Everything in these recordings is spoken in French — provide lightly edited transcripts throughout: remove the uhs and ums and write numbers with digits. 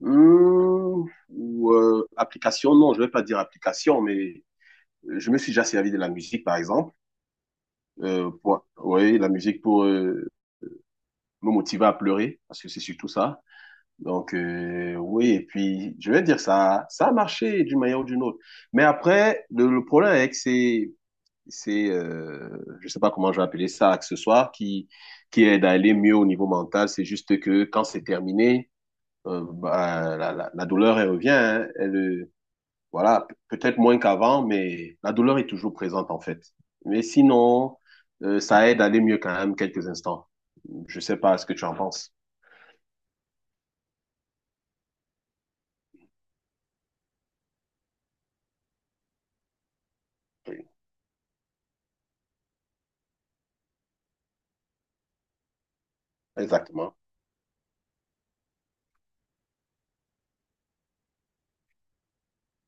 Mmh, ou application, non, je vais pas dire application, mais je me suis déjà servi de la musique, par exemple, pour, oui, la musique pour me motiver à pleurer, parce que c'est surtout ça. Donc, oui, et puis, je vais dire, ça a marché d'une manière ou d'une autre. Mais après, le problème avec ces, je sais pas comment je vais appeler ça, accessoires qui aident à aller mieux au niveau mental, c'est juste que quand c'est terminé, bah, la douleur, elle revient, hein, elle. Voilà, peut-être moins qu'avant, mais la douleur est toujours présente en fait. Mais sinon, ça aide à aller mieux quand même quelques instants. Je sais pas ce que tu en penses. Oui, exactement.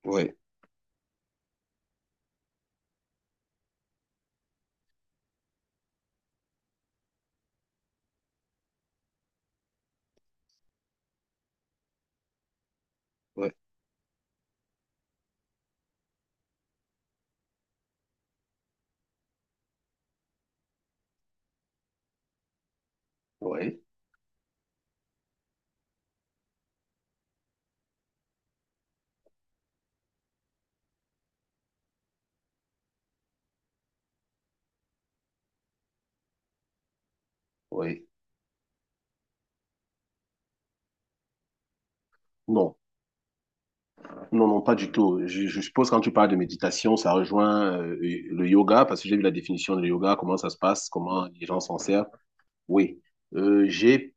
Oui, oui, oui, oui. Non, non, non, pas du tout. Je suppose quand tu parles de méditation, ça rejoint le yoga parce que j'ai vu la définition de yoga, comment ça se passe, comment les gens s'en servent. Oui. J'ai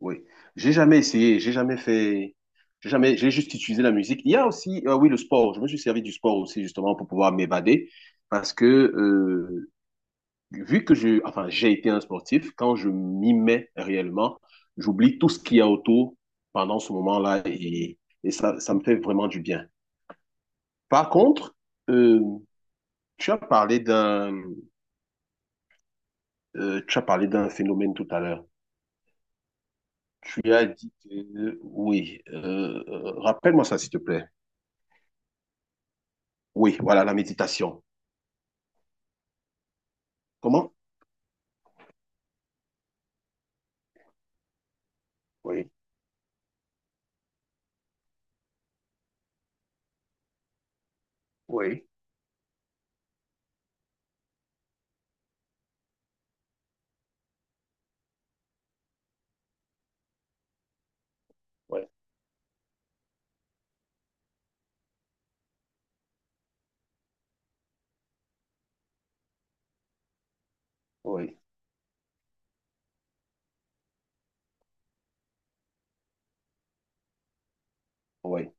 oui, j'ai jamais essayé, j'ai jamais fait, j'ai jamais, j'ai juste utilisé la musique. Il y a aussi, oui, le sport. Je me suis servi du sport aussi justement pour pouvoir m'évader parce que vu que je, enfin, j'ai été un sportif, quand je m'y mets réellement, j'oublie tout ce qu'il y a autour pendant ce moment-là et, ça me fait vraiment du bien. Par contre, euh, tu as parlé d'un, tu as parlé d'un phénomène tout à l'heure. Tu as dit que, oui, rappelle-moi ça s'il te plaît. Oui, voilà, la méditation. Comment? Oui, oui. Oui, oui, oui,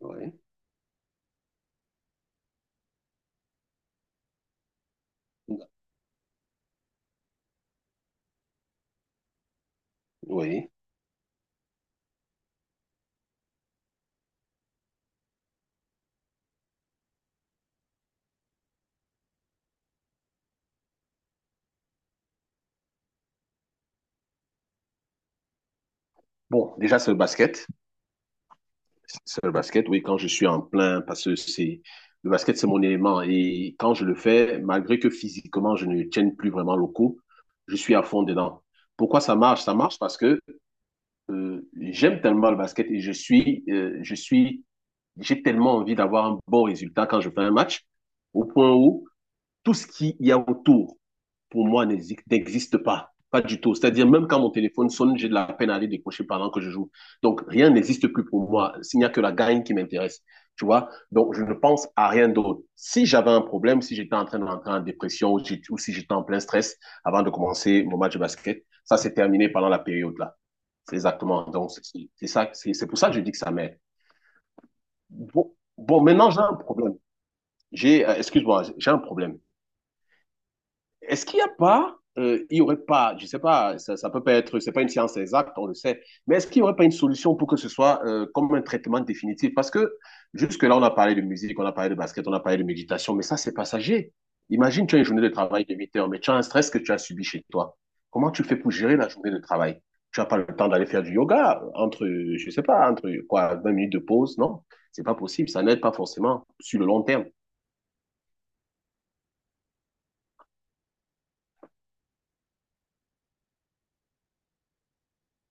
oui. Oui. Bon, déjà, c'est le basket. C'est le basket, oui, quand je suis en plein, parce que c'est le basket, c'est mon élément. Et quand je le fais, malgré que physiquement, je ne tienne plus vraiment le coup, je suis à fond dedans. Pourquoi ça marche? Ça marche parce que j'aime tellement le basket et je suis, j'ai tellement envie d'avoir un bon résultat quand je fais un match, au point où tout ce qu'il y a autour, pour moi, n'existe pas. Pas du tout. C'est-à-dire, même quand mon téléphone sonne, j'ai de la peine à aller décrocher pendant que je joue. Donc, rien n'existe plus pour moi. Il n'y a que la gagne qui m'intéresse. Tu vois? Donc, je ne pense à rien d'autre. Si j'avais un problème, si j'étais en train d'entrer en dépression ou si j'étais en plein stress avant de commencer mon match de basket, ça, c'est terminé pendant la période-là. C'est exactement. Donc, c'est ça, c'est pour ça que je dis que ça m'aide. Bon, bon, maintenant, j'ai un problème. J'ai, excuse-moi, j'ai un problème. Est-ce qu'il n'y a pas, il y aurait pas, je sais pas, ça peut pas être, c'est pas une science exacte, on le sait, mais est-ce qu'il n'y aurait pas une solution pour que ce soit comme un traitement définitif? Parce que jusque-là, on a parlé de musique, on a parlé de basket, on a parlé de méditation, mais ça, c'est passager. Imagine, tu as une journée de travail de 8 heures, mais tu as un stress que tu as subi chez toi. Comment tu fais pour gérer la journée de travail? Tu n'as pas le temps d'aller faire du yoga entre, je sais pas, entre quoi, 20 minutes de pause, non? C'est pas possible, ça n'aide pas forcément sur le long terme.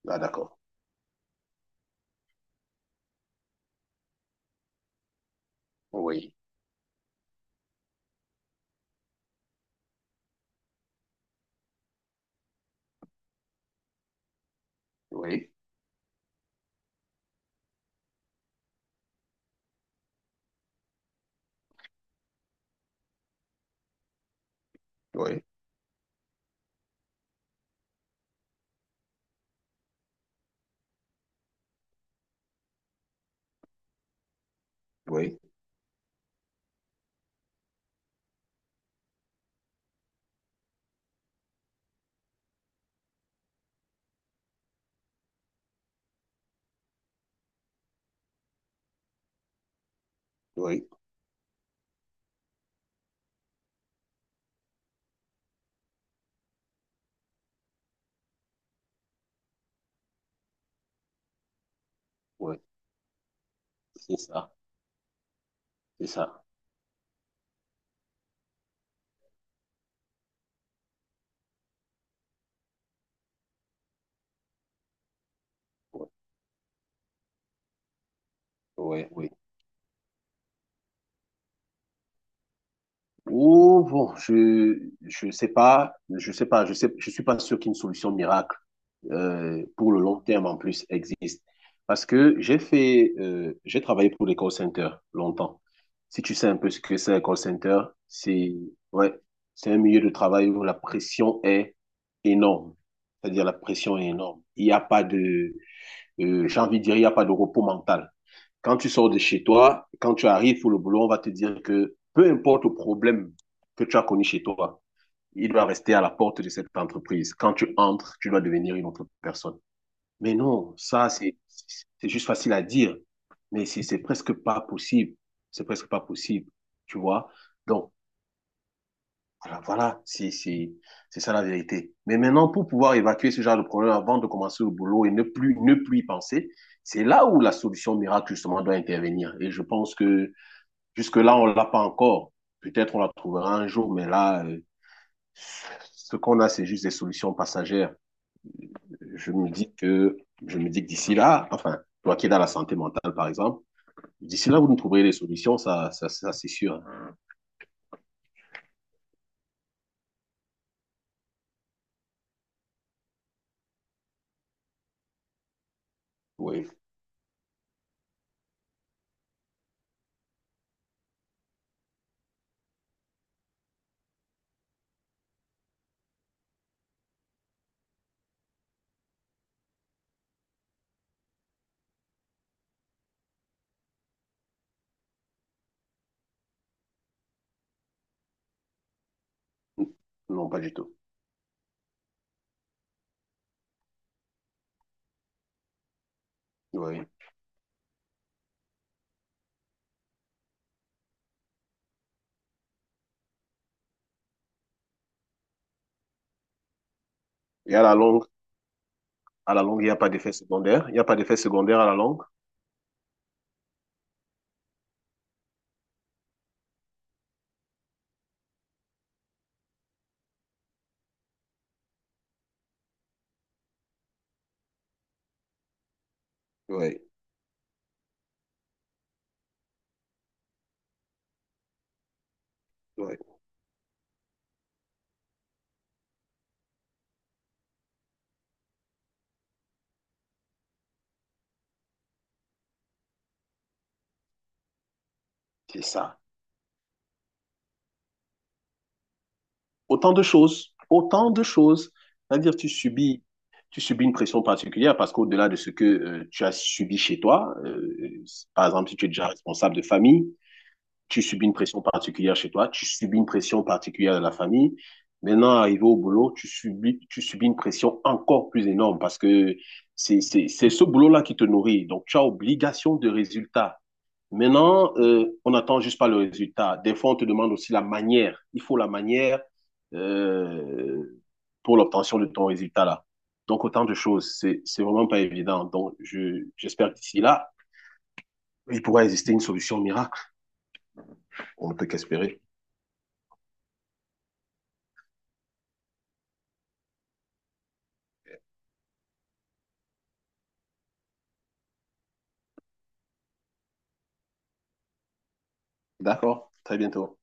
Ah, d'accord. Oui, oui, oui, oui, oui. Ouais, c'est ça, c'est ça. Ouais, ouais, ouais. Oh, bon, je sais pas, je sais pas, je sais, je suis pas sûr qu'une solution miracle pour le long terme en plus existe. Parce que j'ai travaillé pour les call centers longtemps. Si tu sais un peu ce que c'est un call center, c'est, ouais, c'est un milieu de travail où la pression est énorme. C'est-à-dire la pression est énorme. Il n'y a pas de, j'ai envie de dire, il n'y a pas de repos mental. Quand tu sors de chez toi, quand tu arrives pour le boulot, on va te dire que peu importe le problème que tu as connu chez toi, il doit rester à la porte de cette entreprise. Quand tu entres, tu dois devenir une autre personne. Mais non, ça, c'est juste facile à dire, mais c'est presque pas possible. C'est presque pas possible, tu vois. Donc, voilà, c'est ça la vérité. Mais maintenant, pour pouvoir évacuer ce genre de problème avant de commencer le boulot et ne plus y penser, c'est là où la solution miracle, justement, doit intervenir. Et je pense que jusque-là, on ne l'a pas encore. Peut-être on la trouvera un jour, mais ce qu'on a, c'est juste des solutions passagères. Je me dis que, je me dis que d'ici là, enfin, toi qui es dans la santé mentale, par exemple, d'ici là, vous nous trouverez des solutions, ça, c'est sûr. Hein. Oui. Non, pas du tout. Oui. Et à la longue, il n'y a pas d'effet secondaire. Il n'y a pas d'effet secondaire à la longue. Oui. Oui. C'est ça. Autant de choses, autant de choses. C'est-à-dire, tu subis une pression particulière parce qu'au-delà de ce que tu as subi chez toi, par exemple, si tu es déjà responsable de famille, tu subis une pression particulière chez toi, tu subis une pression particulière de la famille. Maintenant, arrivé au boulot, tu subis une pression encore plus énorme parce que c'est ce boulot-là qui te nourrit. Donc, tu as obligation de résultat. Maintenant, on n'attend juste pas le résultat. Des fois, on te demande aussi la manière. Il faut la manière euh, pour l'obtention de ton résultat là. Donc, autant de choses. C'est vraiment pas évident. Donc, j'espère qu'ici là, il pourra exister une solution miracle. On ne peut qu'espérer. D'accord. Très bientôt.